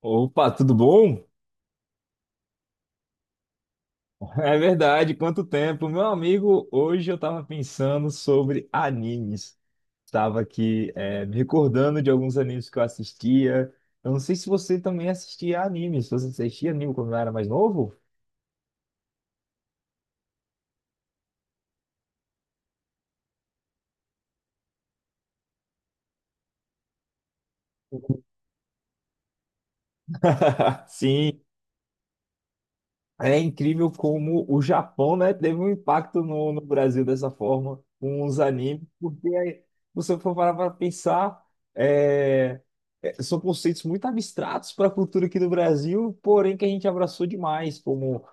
Opa, tudo bom? É verdade, quanto tempo. Meu amigo, hoje eu estava pensando sobre animes. Estava aqui, me recordando de alguns animes que eu assistia. Eu não sei se você também assistia animes. Você assistia anime quando era mais novo? Sim. É incrível como o Japão, né, teve um impacto no Brasil dessa forma, com os animes, porque aí, você for parar para pensar, é, são conceitos muito abstratos para a cultura aqui do Brasil, porém que a gente abraçou demais, como...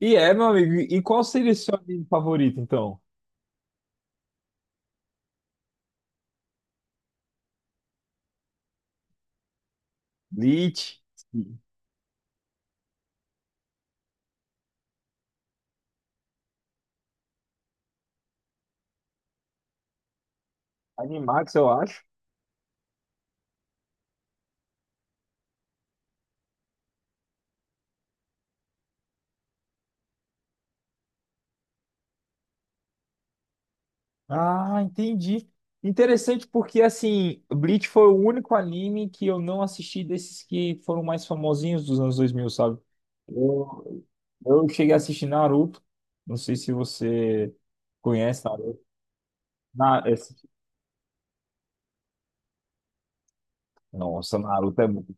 E é, meu amigo, e qual seria o seu anime favorito, então? Bleach, Animax, eu acho. Ah, entendi. Interessante porque, assim, Bleach foi o único anime que eu não assisti desses que foram mais famosinhos dos anos dois mil, sabe? Eu, eu cheguei a assistir Naruto. Não sei se você conhece Naruto. Na, esse- nossa, Naruto é muito.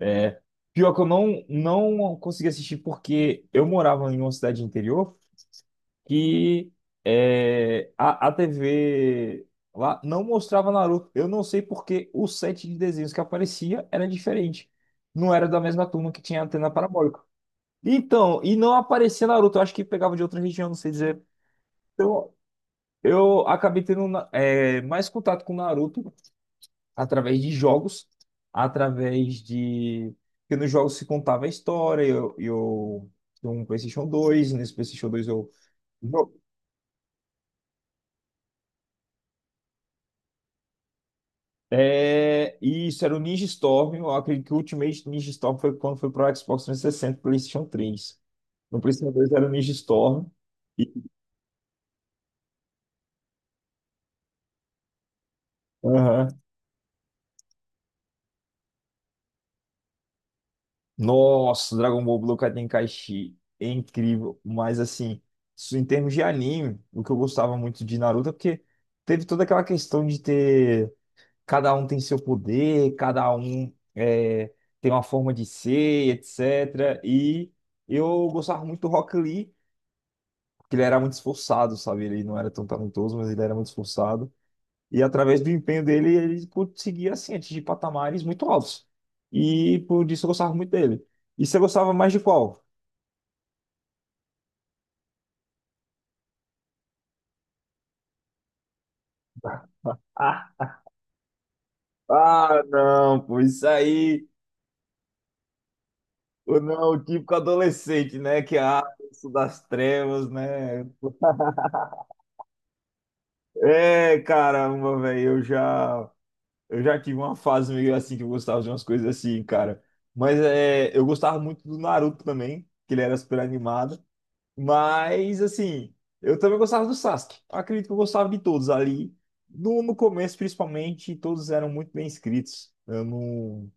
É, pior que eu não consegui assistir porque eu morava em uma cidade interior. Que é, a TV lá não mostrava Naruto. Eu não sei porque o set de desenhos que aparecia era diferente. Não era da mesma turma que tinha antena parabólica. Então, e não aparecia Naruto. Eu acho que pegava de outra região, não sei dizer. Então, eu acabei tendo mais contato com Naruto através de jogos, através de... Porque nos jogos se contava a história, tinha um PlayStation 2, nesse PlayStation dois eu é, isso era o Ninja Storm. Eu acredito que o Ultimate Ninja Storm foi quando foi para o Xbox 360 e PlayStation 3. No PlayStation 2 era o Ninja Storm. E- Aham. Nossa, Dragon Ball Budokai Tenkaichi. É incrível. Mas, assim, isso em termos de anime, o que eu gostava muito de Naruto é porque teve toda aquela questão de ter. Cada um tem seu poder, tem uma forma de ser, etc. E eu gostava muito do Rock Lee, que ele era muito esforçado, sabe? Ele não era tão talentoso, mas ele era muito esforçado. E através do empenho dele, ele conseguia, assim, atingir patamares muito altos. E por isso eu gostava muito dele. E você gostava mais de qual? Ah, ah, não, pô, isso aí. O não, o típico adolescente, né? Que é ah, isso das trevas, né? É, caramba, velho, eu já tive uma fase meio assim que eu gostava de umas coisas assim, cara. Mas é, eu gostava muito do Naruto também, que ele era super animado. Mas, assim, eu também gostava do Sasuke. Acredito que eu gostava de todos ali. No começo, principalmente, todos eram muito bem escritos. Eu não.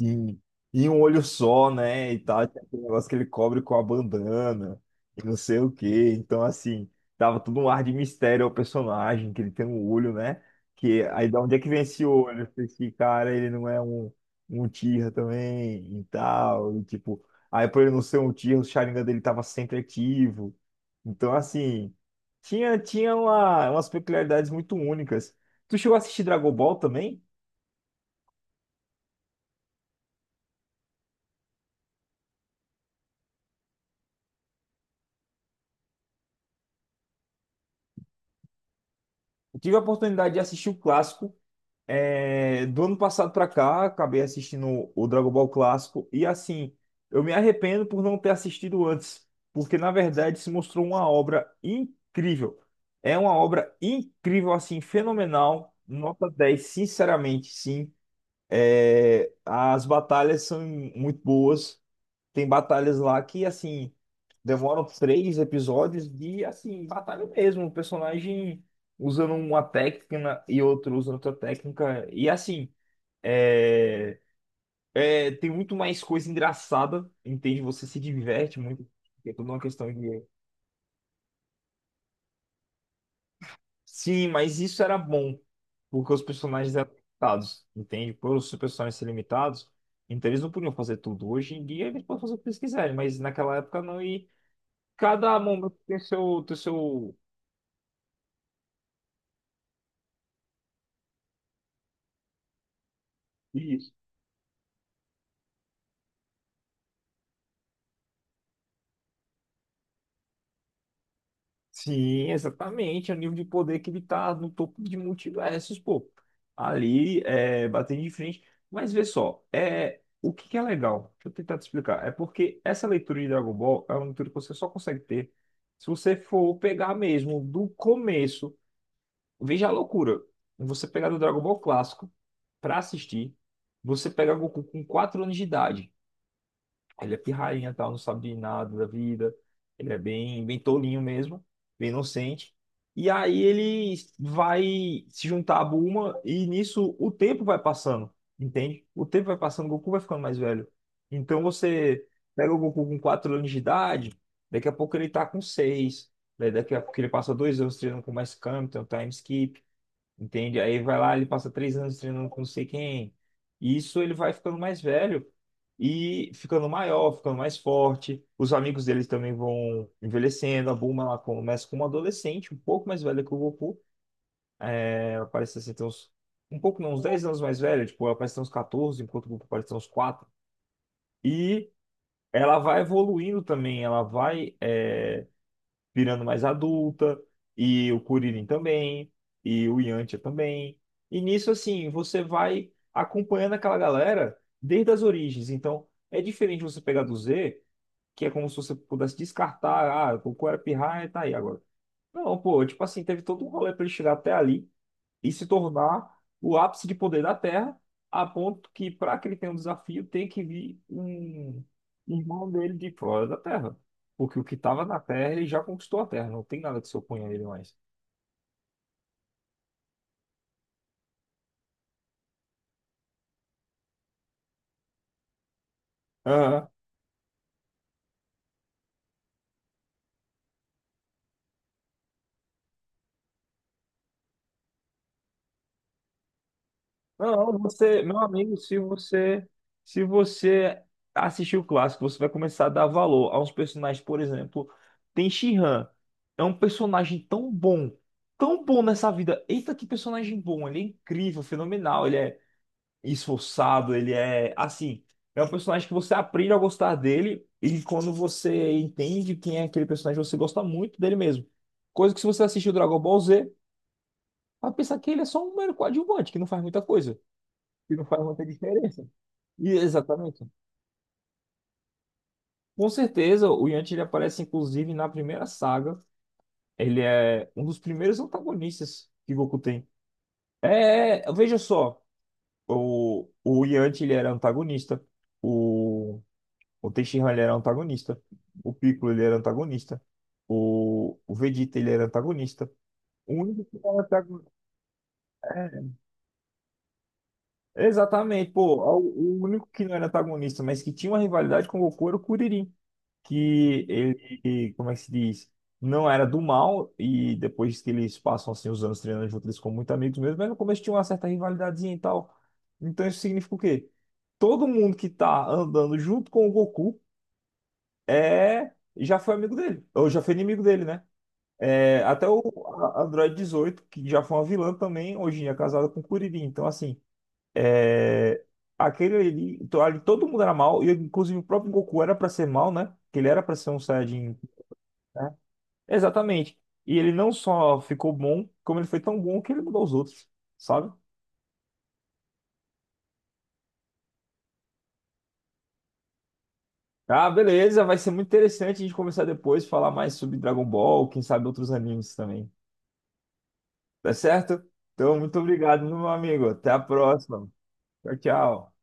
Sim. E um olho só, né? E tal, tinha aquele negócio que ele cobre com a bandana e não sei o quê. Então, assim, dava todo um ar de mistério ao personagem, que ele tem um olho, né? Que aí da onde é que vem esse olho? Esse cara, ele não é um, um Tira também e tal. E, tipo, aí por ele não ser um Tira, o Sharingan dele tava sempre ativo. Então, assim, umas peculiaridades muito únicas. Tu chegou a assistir Dragon Ball também? Eu tive a oportunidade de assistir o clássico. É, do ano passado pra cá, acabei assistindo o Dragon Ball Clássico e assim, eu me arrependo por não ter assistido antes, porque na verdade se mostrou uma obra incrível. É uma obra incrível, assim, fenomenal, nota 10. Sinceramente, sim. É, as batalhas são muito boas, tem batalhas lá que, assim, demoram três episódios de, assim, batalha mesmo. O personagem usando uma técnica e outro usando outra técnica. E, assim, é, tem muito mais coisa engraçada, entende? Você se diverte muito. É tudo uma questão de... Sim, mas isso era bom, porque os personagens eram limitados, entende? Por os personagens serem limitados, então eles não podiam fazer tudo. Hoje em dia eles podem fazer o que eles quiserem, mas naquela época não. E cada momento tem seu... Isso. Sim, exatamente. É o nível de poder que ele tá no topo de multiversos, pô. Ali, é, batendo de frente. Mas vê só, é, o que que é legal? Deixa eu tentar te explicar. É porque essa leitura de Dragon Ball é uma leitura que você só consegue ter se você for pegar mesmo do começo. Veja a loucura. Você pegar do Dragon Ball clássico pra assistir, você pega Goku com 4 anos de idade. Ele é pirrainha, tal, não sabe de nada da vida. Ele é bem tolinho mesmo, bem inocente. E aí ele vai se juntar a Bulma e nisso o tempo vai passando, entende? O tempo vai passando, o Goku vai ficando mais velho. Então você pega o Goku com 4 anos de idade, daqui a pouco ele tá com 6, daqui a pouco ele passa dois anos treinando com mais Kami, tem o time skip. Entende? Aí vai lá, ele passa três anos treinando com não sei quem. E isso ele vai ficando mais velho e ficando maior, ficando mais forte. Os amigos deles também vão envelhecendo. A Bulma ela começa como adolescente, um pouco mais velha que o Goku. Né? Ela parece assim, ter uns, um pouco, não, uns 10 anos mais velha. Tipo, ela parece ter uns 14, enquanto o Goku parece ter uns quatro. E ela vai evoluindo também. Ela vai virando mais adulta, e o Kuririn também, e o Yantia também. E nisso, assim, você vai acompanhando aquela galera desde as origens. Então, é diferente você pegar do Z, que é como se você pudesse descartar, ah, o Goku era pirraia, tá aí agora. Não, pô, tipo assim, teve todo um rolê pra ele chegar até ali e se tornar o ápice de poder da Terra, a ponto que, para que ele tenha um desafio, tem que vir um irmão dele de fora da Terra. Porque o que estava na Terra, ele já conquistou a Terra, não tem nada que se oponha a ele mais. Aham. Não, você, meu amigo, se você assistir o clássico, você vai começar a dar valor a uns personagens, por exemplo, tem she é um personagem tão bom nessa vida. Eita, que personagem bom! Ele é incrível, fenomenal. Ele é esforçado, ele é assim, é um personagem que você aprende a gostar dele e quando você entende quem é aquele personagem, você gosta muito dele mesmo. Coisa que se você assistir o Dragon Ball Z, vai pensar que ele é só um mero coadjuvante, que não faz muita coisa, que não faz muita diferença. E exatamente. Com certeza, o Yanti ele aparece inclusive na primeira saga. Ele é um dos primeiros antagonistas que Goku tem. Veja só, o Yanti ele era antagonista. O O Teixeira ele era antagonista. O Piccolo ele era antagonista. O Vegeta ele era antagonista. O único que não era antagonista. Exatamente, pô. O único que não era antagonista, mas que tinha uma rivalidade com o Goku era o Kuririn. Que ele, como é que se diz? Não era do mal. E depois que eles passam assim, os anos treinando junto, eles ficam muito amigos mesmo. Mas no começo tinha uma certa rivalidadezinha e tal. Então isso significa o quê? Todo mundo que tá andando junto com o Goku é, já foi amigo dele, ou já foi inimigo dele, né? É, até Android dezoito que já foi uma vilã também, hoje em dia é casada com o Kuririn. Então, assim, é, ali, todo mundo era mal, e inclusive o próprio Goku era pra ser mal, né? Que ele era pra ser um Saiyajin, né? Exatamente. E ele não só ficou bom, como ele foi tão bom que ele mudou os outros, sabe? Ah, beleza, vai ser muito interessante a gente conversar depois, falar mais sobre Dragon Ball, quem sabe outros animes também. Tá certo? Então, muito obrigado, meu amigo. Até a próxima. Tchau, tchau.